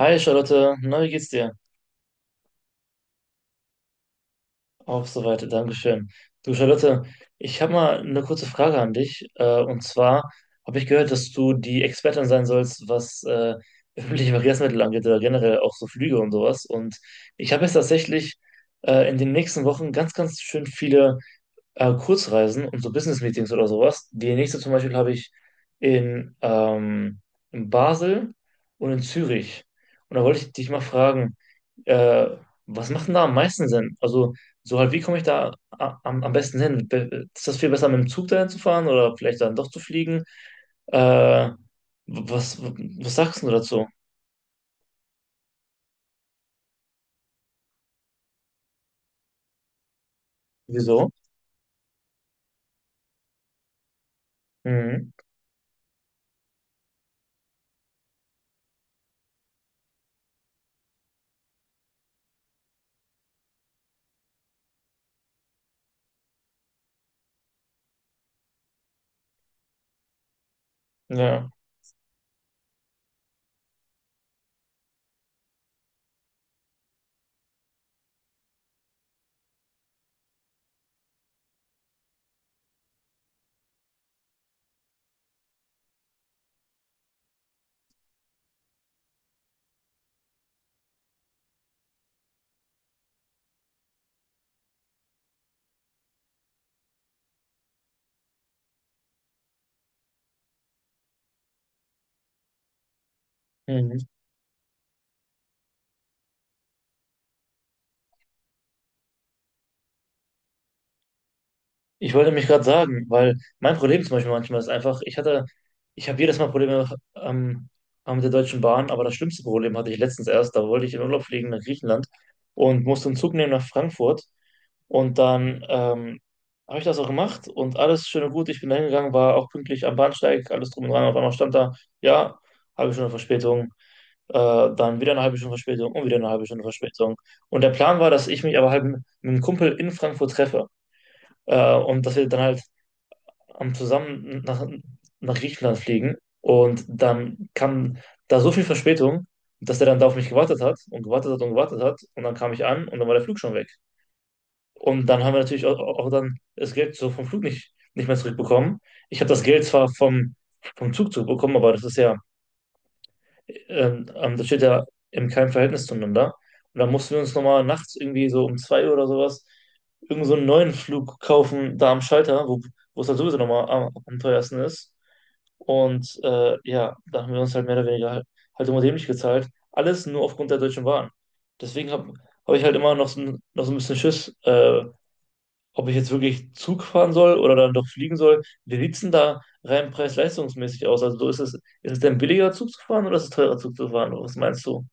Hi Charlotte, na, wie geht's dir? Auch soweit, Dankeschön. Du Charlotte, ich habe mal eine kurze Frage an dich. Und zwar habe ich gehört, dass du die Expertin sein sollst, was öffentliche Verkehrsmittel angeht oder generell auch so Flüge und sowas. Und ich habe jetzt tatsächlich in den nächsten Wochen ganz schön viele Kurzreisen und so Business-Meetings oder sowas. Die nächste zum Beispiel habe ich in in Basel und in Zürich. Und da wollte ich dich mal fragen, äh, was macht denn da am meisten Sinn? Also, so halt, wie komme ich da am besten hin? Ist das viel besser, mit dem Zug dahin zu fahren oder vielleicht dann doch zu fliegen? Äh, was sagst du dazu? Wieso? Mhm. Ja. Mhm. Ich wollte mich gerade sagen, weil mein Problem zum Beispiel manchmal ist einfach, ich habe jedes Mal Probleme ähm, mit der Deutschen Bahn, aber das schlimmste Problem hatte ich letztens erst. Da wollte ich in Urlaub fliegen nach Griechenland und musste einen Zug nehmen nach Frankfurt. Und dann habe ich das auch gemacht und alles schön und gut. Ich bin da hingegangen, war auch pünktlich am Bahnsteig, alles drum und dran. Auf einmal stand da, ja, halbe Stunde Verspätung, äh, dann wieder eine halbe Stunde Verspätung und wieder eine halbe Stunde Verspätung. Und der Plan war, dass ich mich aber halt mit einem Kumpel in Frankfurt treffe, und dass wir dann halt am zusammen nach Griechenland fliegen, und dann kam da so viel Verspätung, dass der dann da auf mich gewartet hat und gewartet hat und gewartet hat, und dann kam ich an und dann war der Flug schon weg. Und dann haben wir natürlich auch dann das Geld so vom Flug nicht mehr zurückbekommen. Ich habe das Geld zwar vom Zug zurückbekommen, aber das ist ja, das steht ja in keinem Verhältnis zueinander. Und dann mussten wir uns nochmal nachts irgendwie so um zwei Uhr oder sowas irgend so einen neuen Flug kaufen da am Schalter, wo es halt sowieso nochmal am teuersten ist. Und ja, da haben wir uns halt mehr oder weniger halt immer dämlich gezahlt. Alles nur aufgrund der Deutschen Bahn. Deswegen hab ich halt immer noch so, noch so ein bisschen Schiss, ob ich jetzt wirklich Zug fahren soll oder dann doch fliegen soll. Wie sieht's denn da rein preis-leistungsmäßig aus? Also ist es denn billiger Zug zu fahren oder ist es teurer Zug zu fahren? Was meinst du?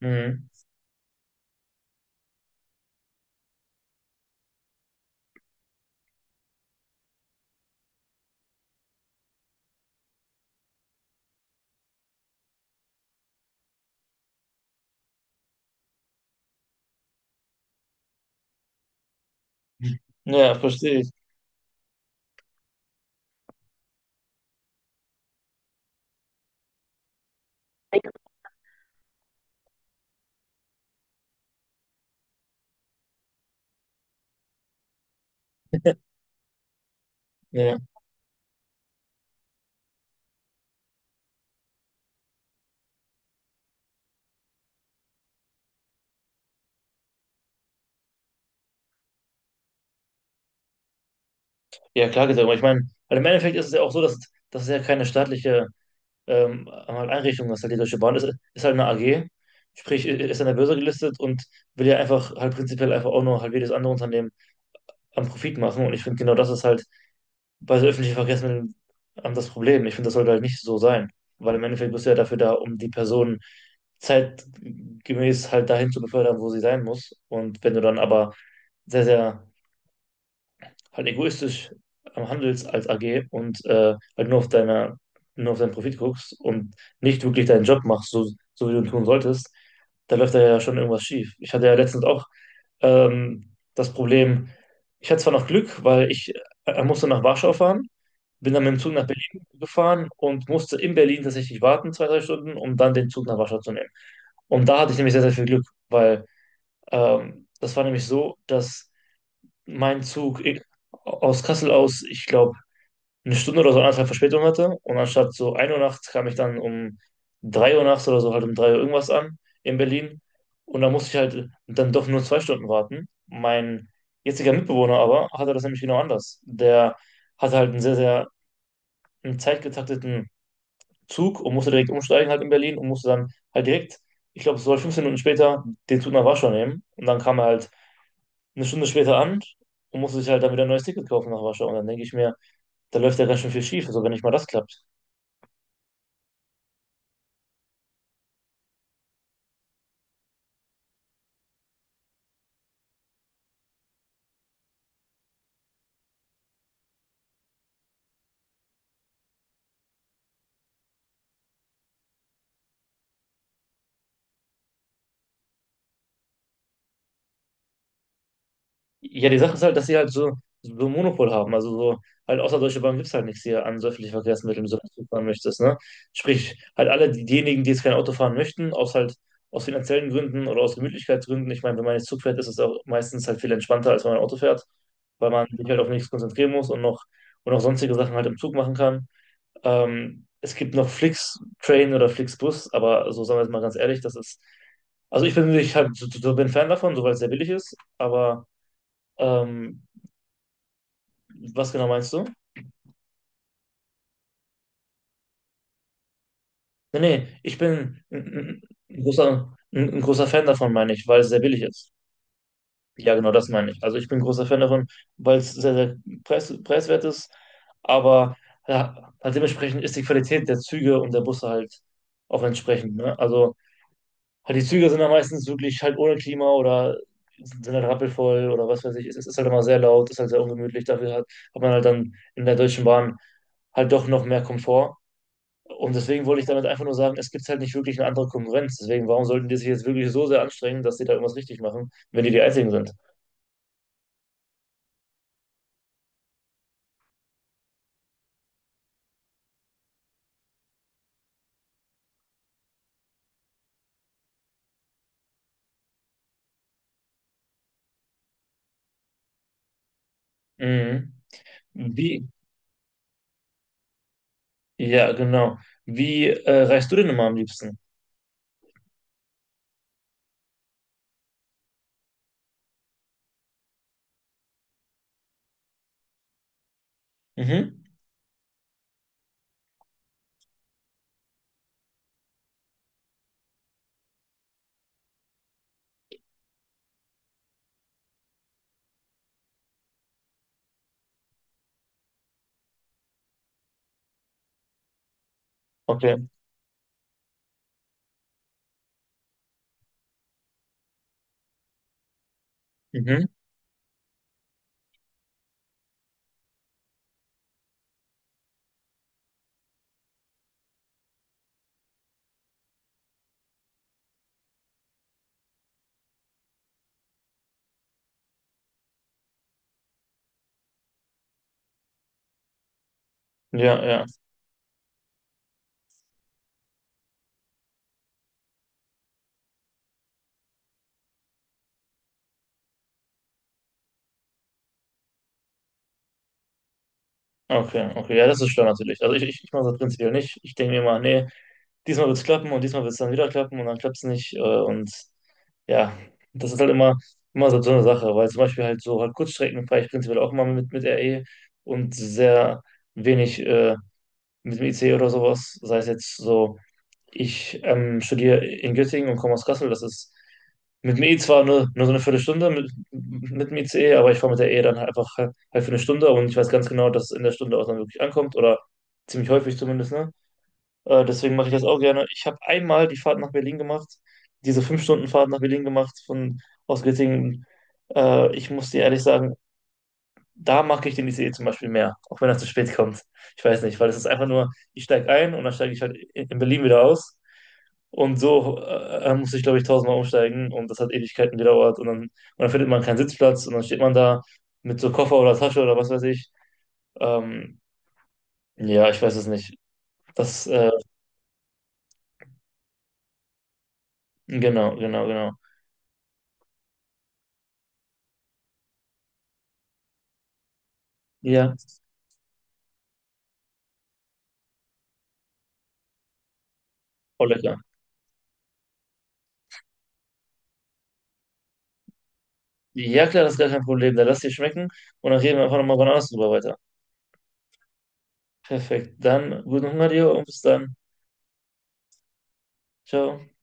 Mhm. Ja, verstehe ich. Ja, ja klar gesagt. Aber ich meine, weil im Endeffekt ist es ja auch so, das ist ja keine staatliche halt Einrichtung, das ist halt die Deutsche Bahn, ist halt eine AG, sprich ist an der Börse gelistet und will ja einfach halt prinzipiell einfach auch nur halt wie das andere Unternehmen am Profit machen, und ich finde genau das ist halt bei so öffentlichen Verkehrsmitteln das Problem. Ich finde, das sollte halt nicht so sein, weil im Endeffekt bist du ja dafür da, um die Person zeitgemäß halt dahin zu befördern, wo sie sein muss, und wenn du dann aber sehr halt egoistisch am handelst als AG und halt nur auf nur auf deinen Profit guckst und nicht wirklich deinen Job machst, so, so wie du ihn tun solltest, da läuft da ja schon irgendwas schief. Ich hatte ja letztens auch das Problem, ich hatte zwar noch Glück, weil ich musste nach Warschau fahren, bin dann mit dem Zug nach Berlin gefahren und musste in Berlin tatsächlich warten, zwei, drei Stunden, um dann den Zug nach Warschau zu nehmen. Und da hatte ich nämlich sehr viel Glück, weil das war nämlich so, dass mein Zug ich, aus Kassel aus, ich glaube, eine Stunde oder so anderthalb Verspätung hatte. Und anstatt so ein Uhr nachts kam ich dann um 3 Uhr nachts oder so halt um 3 Uhr irgendwas an in Berlin. Und da musste ich halt dann doch nur zwei Stunden warten. Mein jetziger Mitbewohner aber hatte das nämlich genau anders. Der hatte halt einen sehr einen zeitgetakteten Zug und musste direkt umsteigen halt in Berlin und musste dann halt direkt, ich glaube, so 15 Minuten später den Zug nach Warschau nehmen. Und dann kam er halt eine Stunde später an und musste sich halt dann wieder ein neues Ticket kaufen nach Warschau. Und dann denke ich mir, da läuft ja ganz schön viel schief, also wenn nicht mal das klappt. Ja, die Sache ist halt, dass sie halt so, so ein Monopol haben. Also so, halt außer Deutsche Bahn gibt es halt nichts hier an so öffentlichen Verkehrsmitteln, so dass du fahren möchtest, ne? Sprich, halt alle diejenigen, die jetzt kein Auto fahren möchten, aus finanziellen Gründen oder aus Gemütlichkeitsgründen. Ich meine, wenn man jetzt Zug fährt, ist es auch meistens halt viel entspannter, als wenn man Auto fährt, weil man sich halt auf nichts konzentrieren muss und auch sonstige Sachen halt im Zug machen kann. Es gibt noch flix oder Flixbus, aber so sagen wir es mal ganz ehrlich, das ist, also ich bin Fan davon, soweit es sehr billig ist, aber ähm, was genau meinst du? Nee, ich bin ein großer Fan davon, meine ich, weil es sehr billig ist. Ja, genau das meine ich. Also ich bin ein großer Fan davon, weil es sehr preiswert ist, aber ja, halt dementsprechend ist die Qualität der Züge und der Busse halt auch entsprechend. Ne? Also halt die Züge sind dann meistens wirklich halt ohne Klima oder sind halt rappelvoll oder was weiß ich. Es ist halt immer sehr laut, ist halt sehr ungemütlich. Hat man halt dann in der Deutschen Bahn halt doch noch mehr Komfort. Und deswegen wollte ich damit einfach nur sagen, es gibt halt nicht wirklich eine andere Konkurrenz. Deswegen, warum sollten die sich jetzt wirklich so sehr anstrengen, dass die da irgendwas richtig machen, wenn die die Einzigen sind? Mhm. Wie? Ja, genau. Wie reist du denn immer am liebsten? Mhm. Okay. Mhm. Ja, ja. Okay, okay. Ja, das ist schlau natürlich. Also ich mache das prinzipiell nicht. Ich denke mir immer, nee, diesmal wird es klappen und diesmal wird es dann wieder klappen und dann klappt es nicht. Und ja, das ist halt immer so, so eine Sache, weil zum Beispiel halt so halt Kurzstrecken fahre ich prinzipiell auch immer mit RE und sehr wenig mit dem IC oder sowas. Sei es jetzt so, ich studiere in Göttingen und komme aus Kassel, das ist mit dem E zwar nur so eine Viertelstunde mit dem ICE, aber ich fahre mit der E dann halt einfach halt für eine Stunde und ich weiß ganz genau, dass es in der Stunde auch dann wirklich ankommt oder ziemlich häufig zumindest, ne? Deswegen mache ich das auch gerne. Ich habe einmal die Fahrt nach Berlin gemacht, diese 5 Stunden Fahrt nach Berlin gemacht von aus Göttingen. Ich muss dir ehrlich sagen, da mag ich den ICE zum Beispiel mehr, auch wenn er zu spät kommt. Ich weiß nicht, weil es ist einfach nur, ich steige ein und dann steige ich halt in Berlin wieder aus. Und so muss ich, glaube ich, tausendmal umsteigen und das hat Ewigkeiten gedauert und dann findet man keinen Sitzplatz und dann steht man da mit so Koffer oder Tasche oder was weiß ich. Ähm, ja, ich weiß es nicht. Das, äh, genau, genau, genau. Ja, voll lecker. Ja, klar, das ist gar kein Problem. Dann lass dir schmecken und dann reden wir einfach nochmal wann anders drüber weiter. Perfekt. Dann guten Hunger dir und bis dann. Ciao.